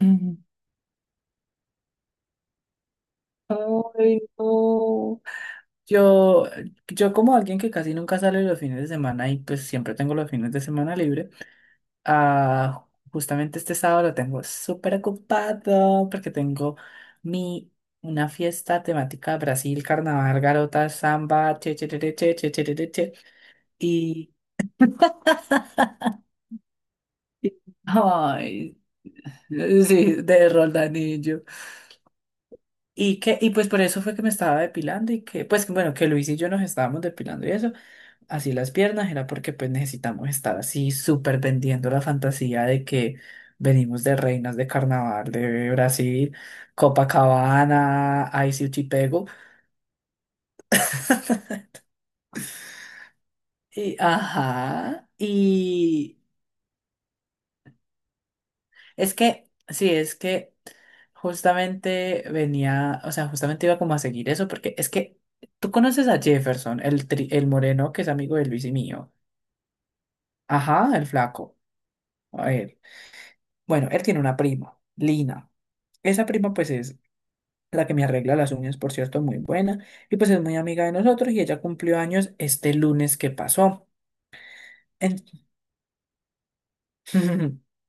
Ujú. Ay, no. Yo, yo como alguien que casi nunca sale los fines de semana y pues siempre tengo los fines de semana libre, ah, justamente este sábado lo tengo súper ocupado porque tengo mi, una fiesta temática Brasil, carnaval, garota, samba, che, che, che, che, che, che, che, che, che, che, y... Ay, sí, de Roldanillo. Y pues por eso fue que me estaba depilando y que, pues bueno, que Luis y yo nos estábamos depilando y eso, así las piernas, era porque pues necesitamos estar así súper vendiendo la fantasía de que venimos de reinas de carnaval de Brasil, Copacabana, Pego. Y, ajá, sí, es que justamente venía, o sea, justamente iba como a seguir eso, porque es que tú conoces a Jefferson, el moreno que es amigo de Luis y mío. Ajá, el flaco. A ver. Bueno, él tiene una prima, Lina. Esa prima pues es la que me arregla las uñas, por cierto, muy buena. Y pues es muy amiga de nosotros y ella cumplió años este lunes que pasó. En-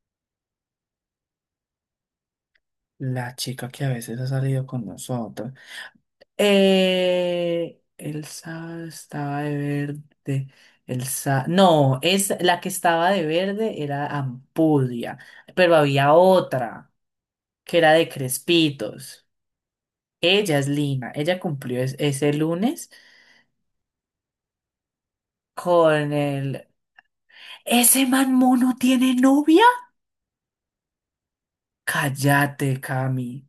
La chica que a veces ha salido con nosotros. Elsa estaba de verde. Elsa, no, es la que estaba de verde era Ampudia, pero había otra que era de Crespitos. Ella es Lina. Ella cumplió ese lunes con el... ¿Ese man mono tiene novia? Cállate, Cami.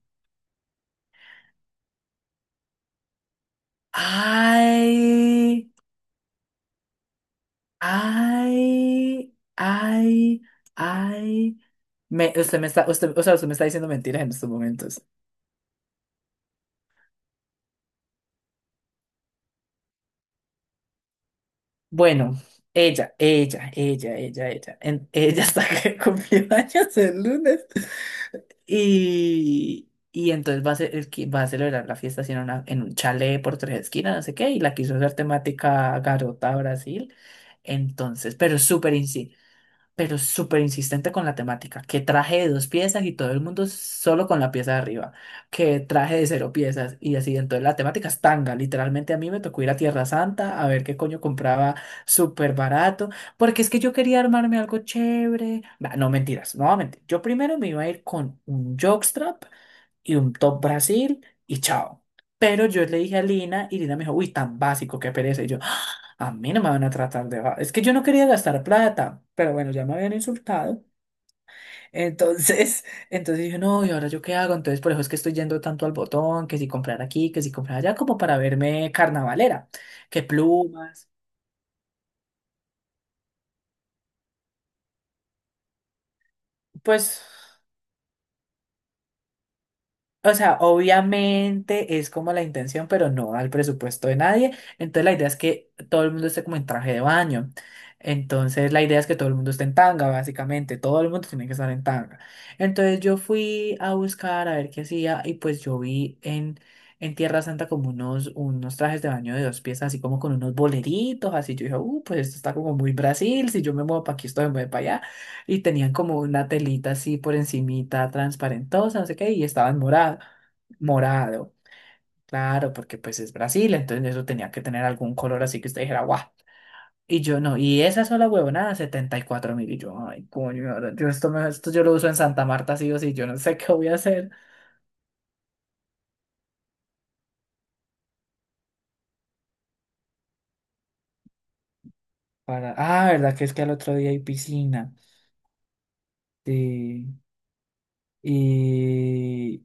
Ay, ay, ay, ay. Usted me está, usted, o sea, usted me está diciendo mentiras en estos momentos. Bueno, ella ella está que cumplió años el lunes. Y entonces ser, el que va a celebrar la fiesta en un chalet por tres esquinas, no sé qué, y la quiso hacer temática Garota Brasil. Entonces, pero súper insistente con la temática, que traje de dos piezas y todo el mundo solo con la pieza de arriba, que traje de cero piezas y así, entonces la temática es tanga, literalmente a mí me tocó ir a Tierra Santa a ver qué coño compraba súper barato, porque es que yo quería armarme algo chévere. Bah, no mentiras, nuevamente, yo primero me iba a ir con un jockstrap y un top Brasil y chao. Pero yo le dije a Lina y Lina me dijo, uy, tan básico, qué pereza. Y yo, a mí no me van a tratar de... Es que yo no quería gastar plata, pero bueno, ya me habían insultado. Entonces, entonces dije, no, ¿y ahora yo qué hago? Entonces, por eso es que estoy yendo tanto al botón, que si comprar aquí, que si comprar allá, como para verme carnavalera. Que plumas, pues... O sea, obviamente es como la intención, pero no al presupuesto de nadie. Entonces la idea es que todo el mundo esté como en traje de baño. Entonces la idea es que todo el mundo esté en tanga, básicamente. Todo el mundo tiene que estar en tanga. Entonces yo fui a buscar a ver qué hacía y pues yo vi en Tierra Santa como unos trajes de baño de dos piezas, así como con unos boleritos, así yo dije, pues esto está como muy Brasil, si yo me muevo para aquí, esto me mueve para allá y tenían como una telita así por encimita, transparentosa, no sé qué, y estaban morado, morado, claro, porque pues es Brasil, entonces eso tenía que tener algún color así que usted dijera, guau. Y yo no, y esa sola huevonada, 74.000. Y yo, ay, coño, ahora yo esto, esto yo lo uso en Santa Marta, sí o sí, yo no sé qué voy a hacer. Para... Ah, ¿verdad? Que es que al otro día hay piscina. Sí. Y,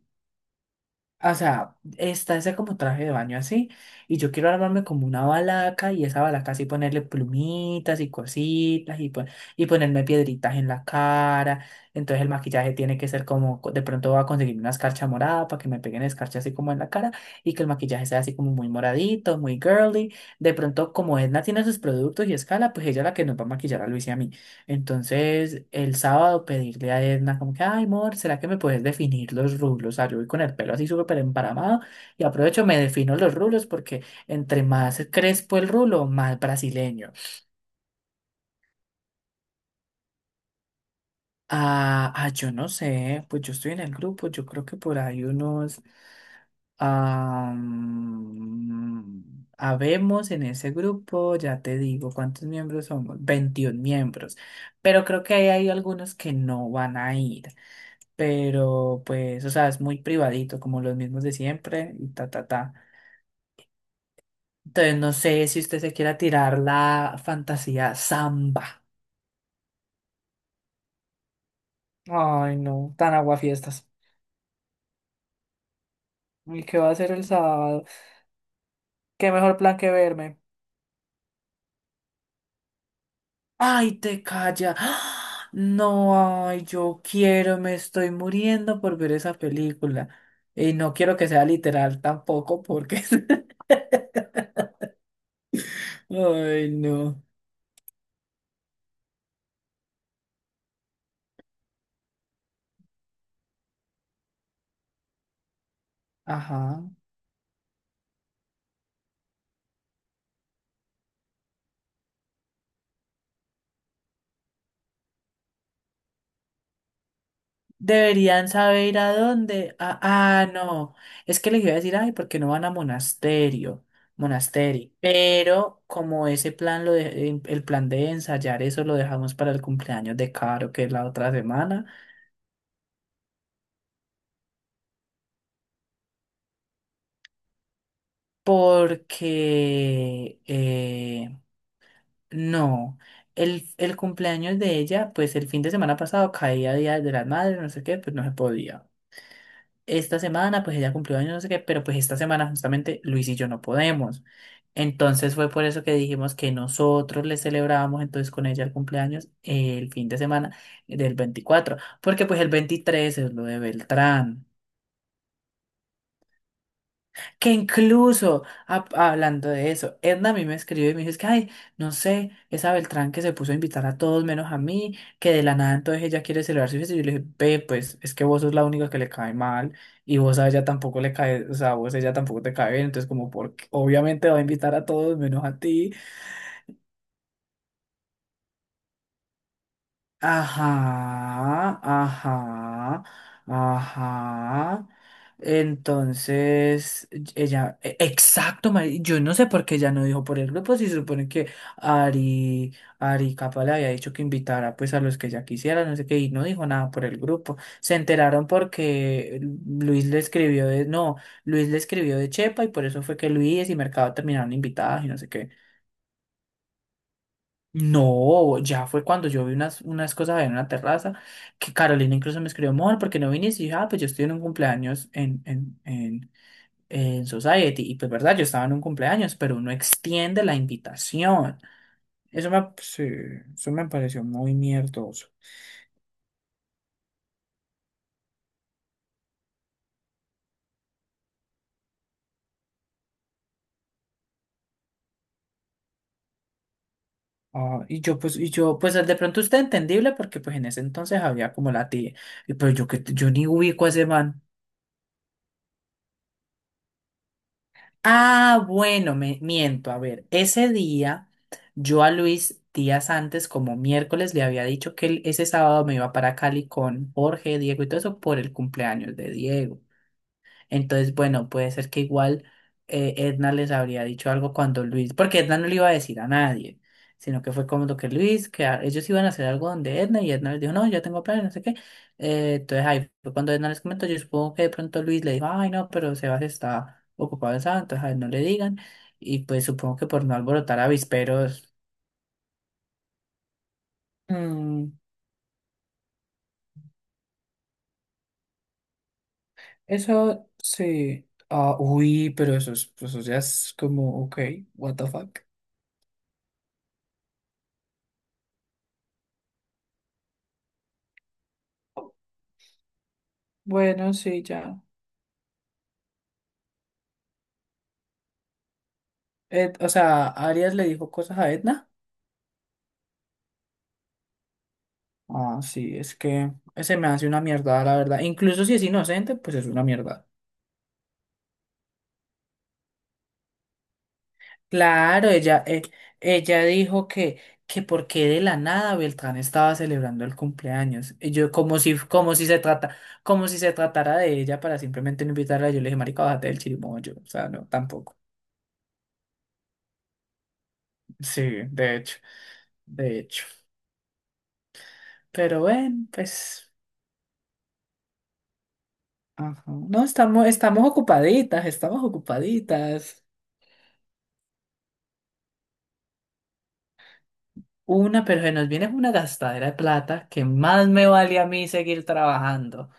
O sea, está ese como traje de baño así, y yo quiero armarme como una balaca y esa balaca así ponerle plumitas y cositas y y ponerme piedritas en la cara. Entonces el maquillaje tiene que ser como, de pronto voy a conseguir una escarcha morada para que me peguen escarcha así como en la cara y que el maquillaje sea así como muy moradito, muy girly. De pronto como Edna tiene sus productos y escala, pues ella es la que nos va a maquillar a Luis y a mí. Entonces, el sábado pedirle a Edna como que, ay, amor, ¿será que me puedes definir los rulos? O yo voy con el pelo así súper emparamado y aprovecho, me defino los rulos porque entre más crespo el rulo, más brasileño. Ah, ah, yo no sé, pues yo estoy en el grupo, yo creo que por ahí unos... ah, habemos en ese grupo, ya te digo cuántos miembros somos, 21 miembros, pero creo que ahí hay algunos que no van a ir. Pero pues, o sea, es muy privadito, como los mismos de siempre, y ta, ta, ta. Entonces, no sé si usted se quiera tirar la fantasía samba. Ay, no, tan aguafiestas. ¿Y qué va a hacer el sábado? ¿Qué mejor plan que verme? Ay, te calla. ¡Ah! No, ay, yo quiero, me estoy muriendo por ver esa película. Y no quiero que sea literal tampoco, porque... Ay, no. Ajá. Deberían saber ir a dónde. Ah, ah, no. Es que les iba a decir, ay, ¿por qué no van a monasterio? Monasterio. Pero como ese plan, el plan de ensayar eso lo dejamos para el cumpleaños de Caro, que es la otra semana, porque no. El cumpleaños de ella, pues el fin de semana pasado caía Día de las Madres, no sé qué, pues no se podía. Esta semana, pues ella cumplió años, no sé qué, pero pues esta semana justamente Luis y yo no podemos. Entonces fue por eso que dijimos que nosotros le celebrábamos entonces con ella el cumpleaños el fin de semana del 24 porque pues el 23 es lo de Beltrán. Que incluso, ah, hablando de eso, Edna a mí me escribió y me dice es que, ay, no sé, esa Beltrán que se puso a invitar a todos menos a mí, que de la nada entonces ella quiere celebrar su fiesta. Y yo le dije, ve, pues, es que vos sos la única que le cae mal y vos a ella tampoco le cae, o sea, vos a ella tampoco te cae bien, entonces como, porque obviamente va a invitar a todos menos a ti. Ajá, ajá, ajá. Entonces, ella, exacto, yo no sé por qué ella no dijo por el grupo, si se supone que Ari Capa le había dicho que invitara pues a los que ella quisiera, no sé qué, y no dijo nada por el grupo. Se enteraron porque Luis le escribió de, no, Luis le escribió de Chepa y por eso fue que Luis y Mercado terminaron invitados y no sé qué. No, ya fue cuando yo vi unas cosas ahí en una terraza que Carolina incluso me escribió, amor, ¿por qué no viniste? Y dije, ah, pues yo estoy en un cumpleaños en Society. Y pues, verdad, yo estaba en un cumpleaños, pero uno extiende la invitación. Sí, eso me pareció muy mierdoso. Ah, y yo, pues de pronto usted entendible porque pues en ese entonces había como la tía. Y pues yo que yo ni ubico a ese man. Ah, bueno, me miento. A ver, ese día yo a Luis días antes, como miércoles, le había dicho que ese sábado me iba para Cali con Jorge, Diego y todo eso por el cumpleaños de Diego. Entonces, bueno, puede ser que igual Edna les habría dicho algo cuando Luis, porque Edna no le iba a decir a nadie, sino que fue como lo que Luis, ellos iban a hacer algo donde Edna y Edna les dijo, no, yo tengo planes, no sé qué. Entonces ahí fue cuando Edna les comentó, yo supongo que de pronto Luis le dijo, ay, no, pero Sebas está ocupado en sábado, entonces a él no le digan. Y pues supongo que por no alborotar avisperos. Mm, eso sí. Ah, uy, pero eso, pues eso ya es como, ok, what the fuck. Bueno, sí, ya. O sea, Arias le dijo cosas a Edna. Ah, sí, es que se me hace una mierda, la verdad. Incluso si es inocente, pues es una mierda. Claro, ella, ella dijo que porque de la nada Beltrán estaba celebrando el cumpleaños. Y yo, como si se tratara de ella para simplemente no invitarla, yo le dije, marica, bájate del chirimoyo. O sea, no, tampoco. Sí, de hecho, de hecho. Pero bueno, pues, ajá. No, estamos ocupaditas, estamos ocupaditas. Una, pero se nos viene una gastadera de plata que más me vale a mí seguir trabajando.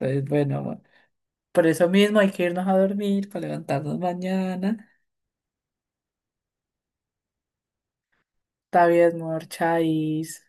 Entonces, bueno, amor, por eso mismo hay que irnos a dormir para levantarnos mañana. Está bien, amor, chais.